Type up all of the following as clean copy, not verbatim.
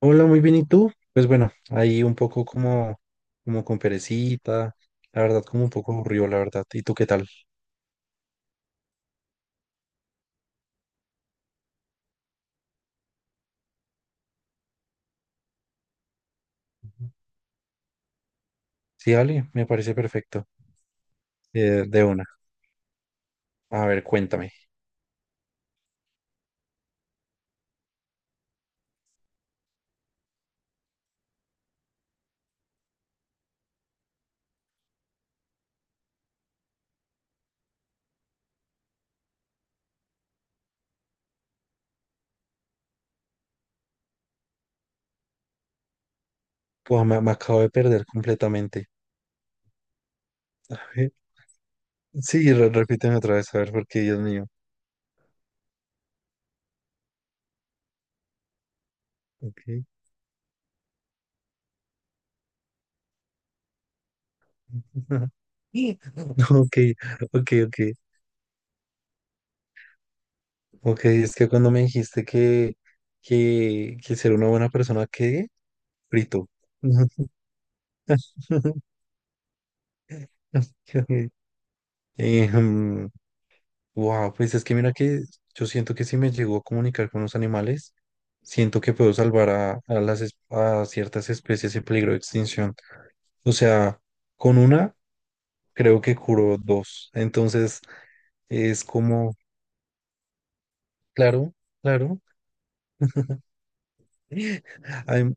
Hola, muy bien, ¿y tú? Pues bueno, ahí un poco como con perecita, la verdad, como un poco aburrido, la verdad. ¿Y tú qué tal? Sí, Ale, me parece perfecto. De una. A ver, cuéntame. Pues me acabo de perder completamente. A ver, sí, repíteme otra vez, a ver, porque Dios mío. Ok. Ok, ok, ok. Ok, es que cuando me dijiste que, que ser una buena persona, ¿qué? Frito. Wow, pues es que mira que yo siento que si me llego a comunicar con los animales, siento que puedo salvar a ciertas especies en peligro de extinción. O sea, con una creo que curo dos. Entonces es como, claro, claro. Adem-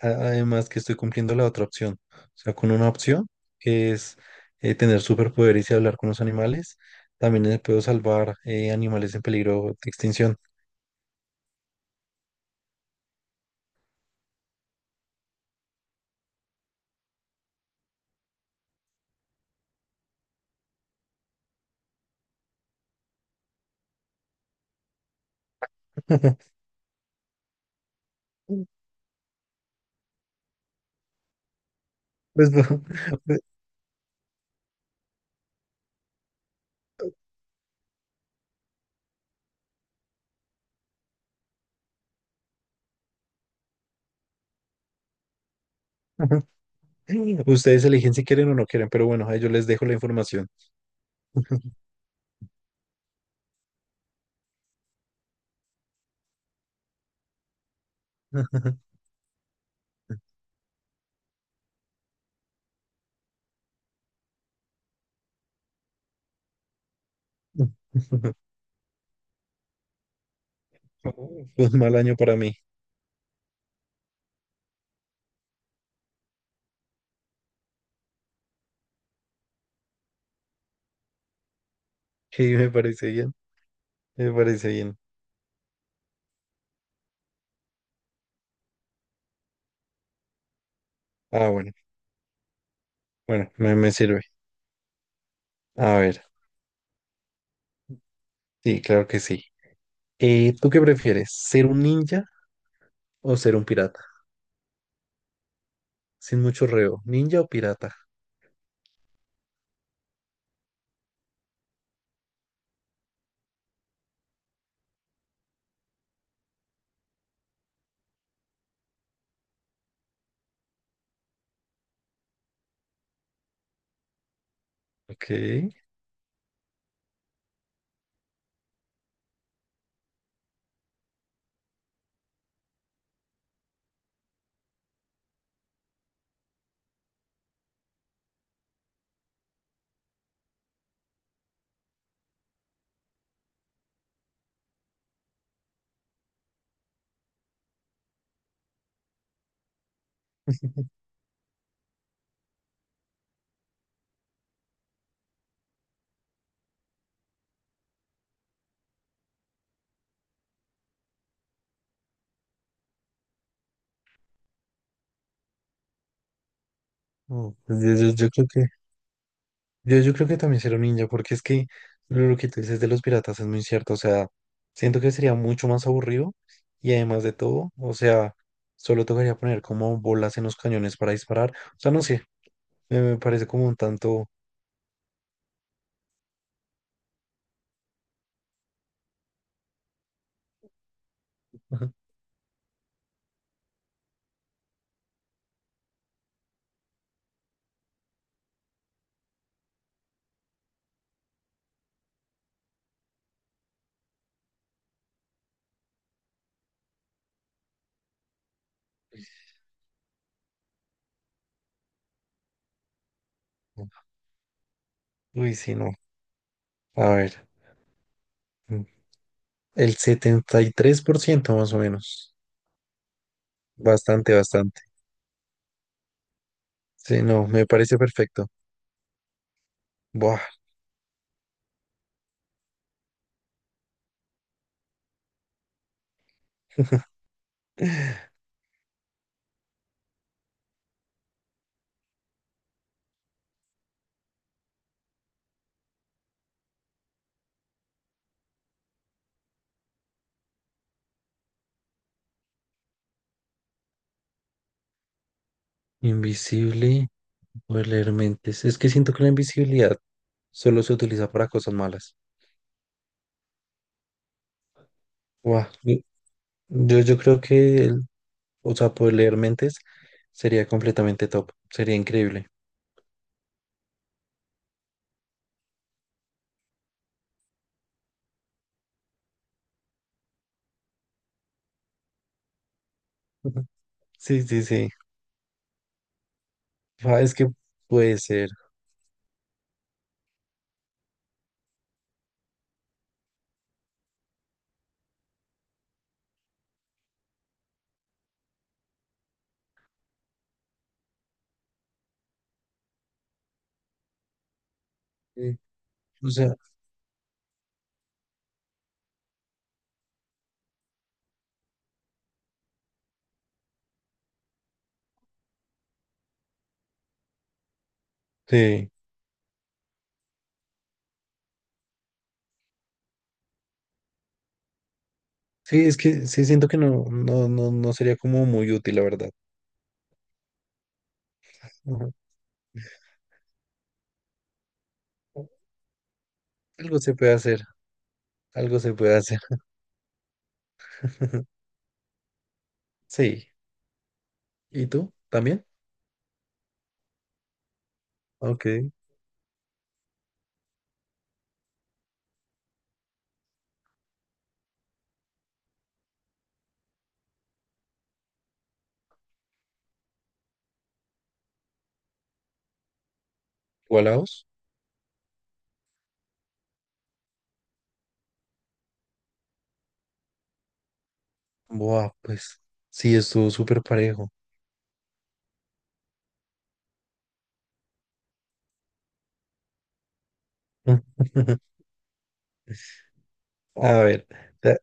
Además que estoy cumpliendo la otra opción. O sea, con una opción que es tener superpoderes y hablar con los animales, también puedo salvar animales en peligro de extinción. Pues, ustedes eligen si quieren o no quieren, pero bueno, ahí yo les dejo la información. Fue un mal año para mí. Sí, me parece bien. Me parece bien. Ah, bueno. Bueno, me sirve. A ver. Sí, claro que sí. ¿Tú qué prefieres? ¿Ser un ninja o ser un pirata? Sin mucho reo. ¿Ninja o pirata? Ok. Oh, pues yo creo que también será un ninja, porque es que lo que tú dices de los piratas es muy cierto. O sea, siento que sería mucho más aburrido y además de todo, o sea, solo tocaría poner como bolas en los cañones para disparar. O sea, no sé, me parece como un tanto. Uy, sí, no. A ver, mm, el 73% más o menos. Bastante, bastante. Sí, no, me parece perfecto. Buah. Invisible, leer mentes. Es que siento que la invisibilidad solo se utiliza para cosas malas. Guau, Yo creo que, o sea, poder leer mentes sería completamente top, sería increíble. Ujú. Sí, sí, sí. Ah, es que puede ser. Sí, o sea, sí. Sí, es que sí siento que no, no, no, no sería como muy útil, la verdad. Ujú. Algo se puede hacer, algo se puede hacer. Sí. ¿Y tú? ¿También? Ok. ¿Igualados? Buah, pues sí, estuvo súper parejo. A ver, te,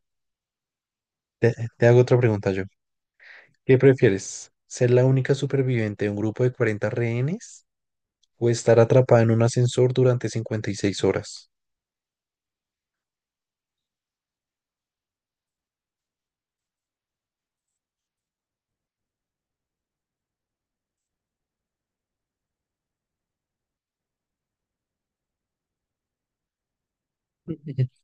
te hago otra pregunta yo. ¿Qué prefieres? ¿Ser la única superviviente de un grupo de 40 rehenes o estar atrapada en un ascensor durante 56 horas?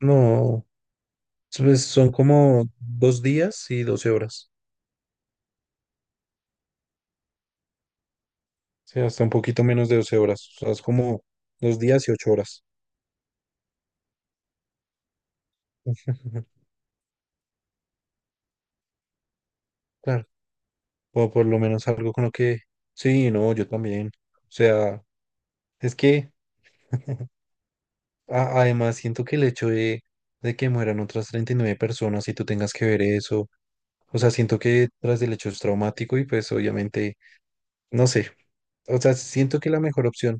No, pues son como 2 días y 12 horas. Sí, hasta un poquito menos de 12 horas. O sea, es como 2 días y 8 horas. Claro, o por lo menos algo con lo que... Sí, no, yo también. O sea, es que además siento que el hecho de que mueran otras 39 personas y tú tengas que ver eso. O sea, siento que tras del hecho es traumático y pues obviamente, no sé, o sea, siento que la mejor opción,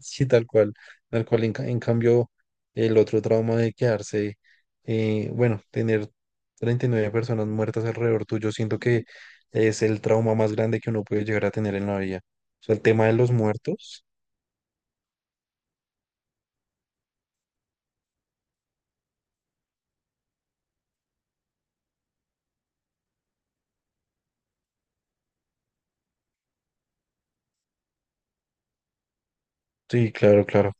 sí, tal cual, en cambio, el otro trauma de quedarse, bueno, tener 39 personas muertas alrededor tuyo, siento que es el trauma más grande que uno puede llegar a tener en la vida. O sea, el tema de los muertos, sí, claro, claro.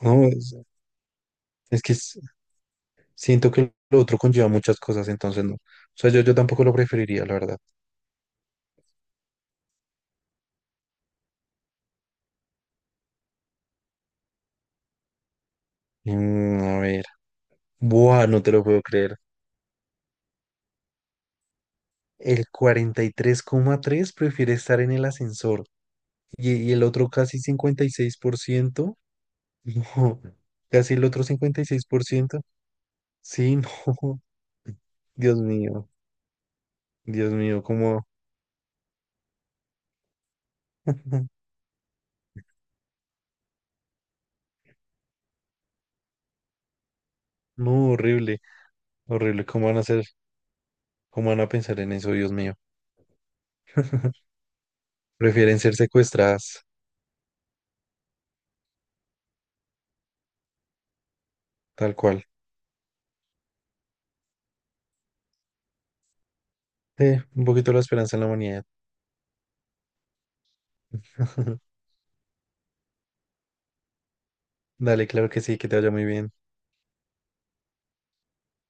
No, es que siento que lo otro conlleva muchas cosas, entonces no. O sea, yo tampoco lo preferiría, la verdad. Mm, a ver. Buah, no te lo puedo creer. El 43,3% prefiere estar en el ascensor y el otro casi 56%, no, casi el otro 56%, sí, no, Dios mío, Dios mío, cómo, no, horrible, horrible, cómo van a hacer, cómo van a pensar en eso, Dios mío. Prefieren ser secuestradas, tal cual. Un poquito la esperanza en la humanidad. Dale, claro que sí, que te vaya muy bien.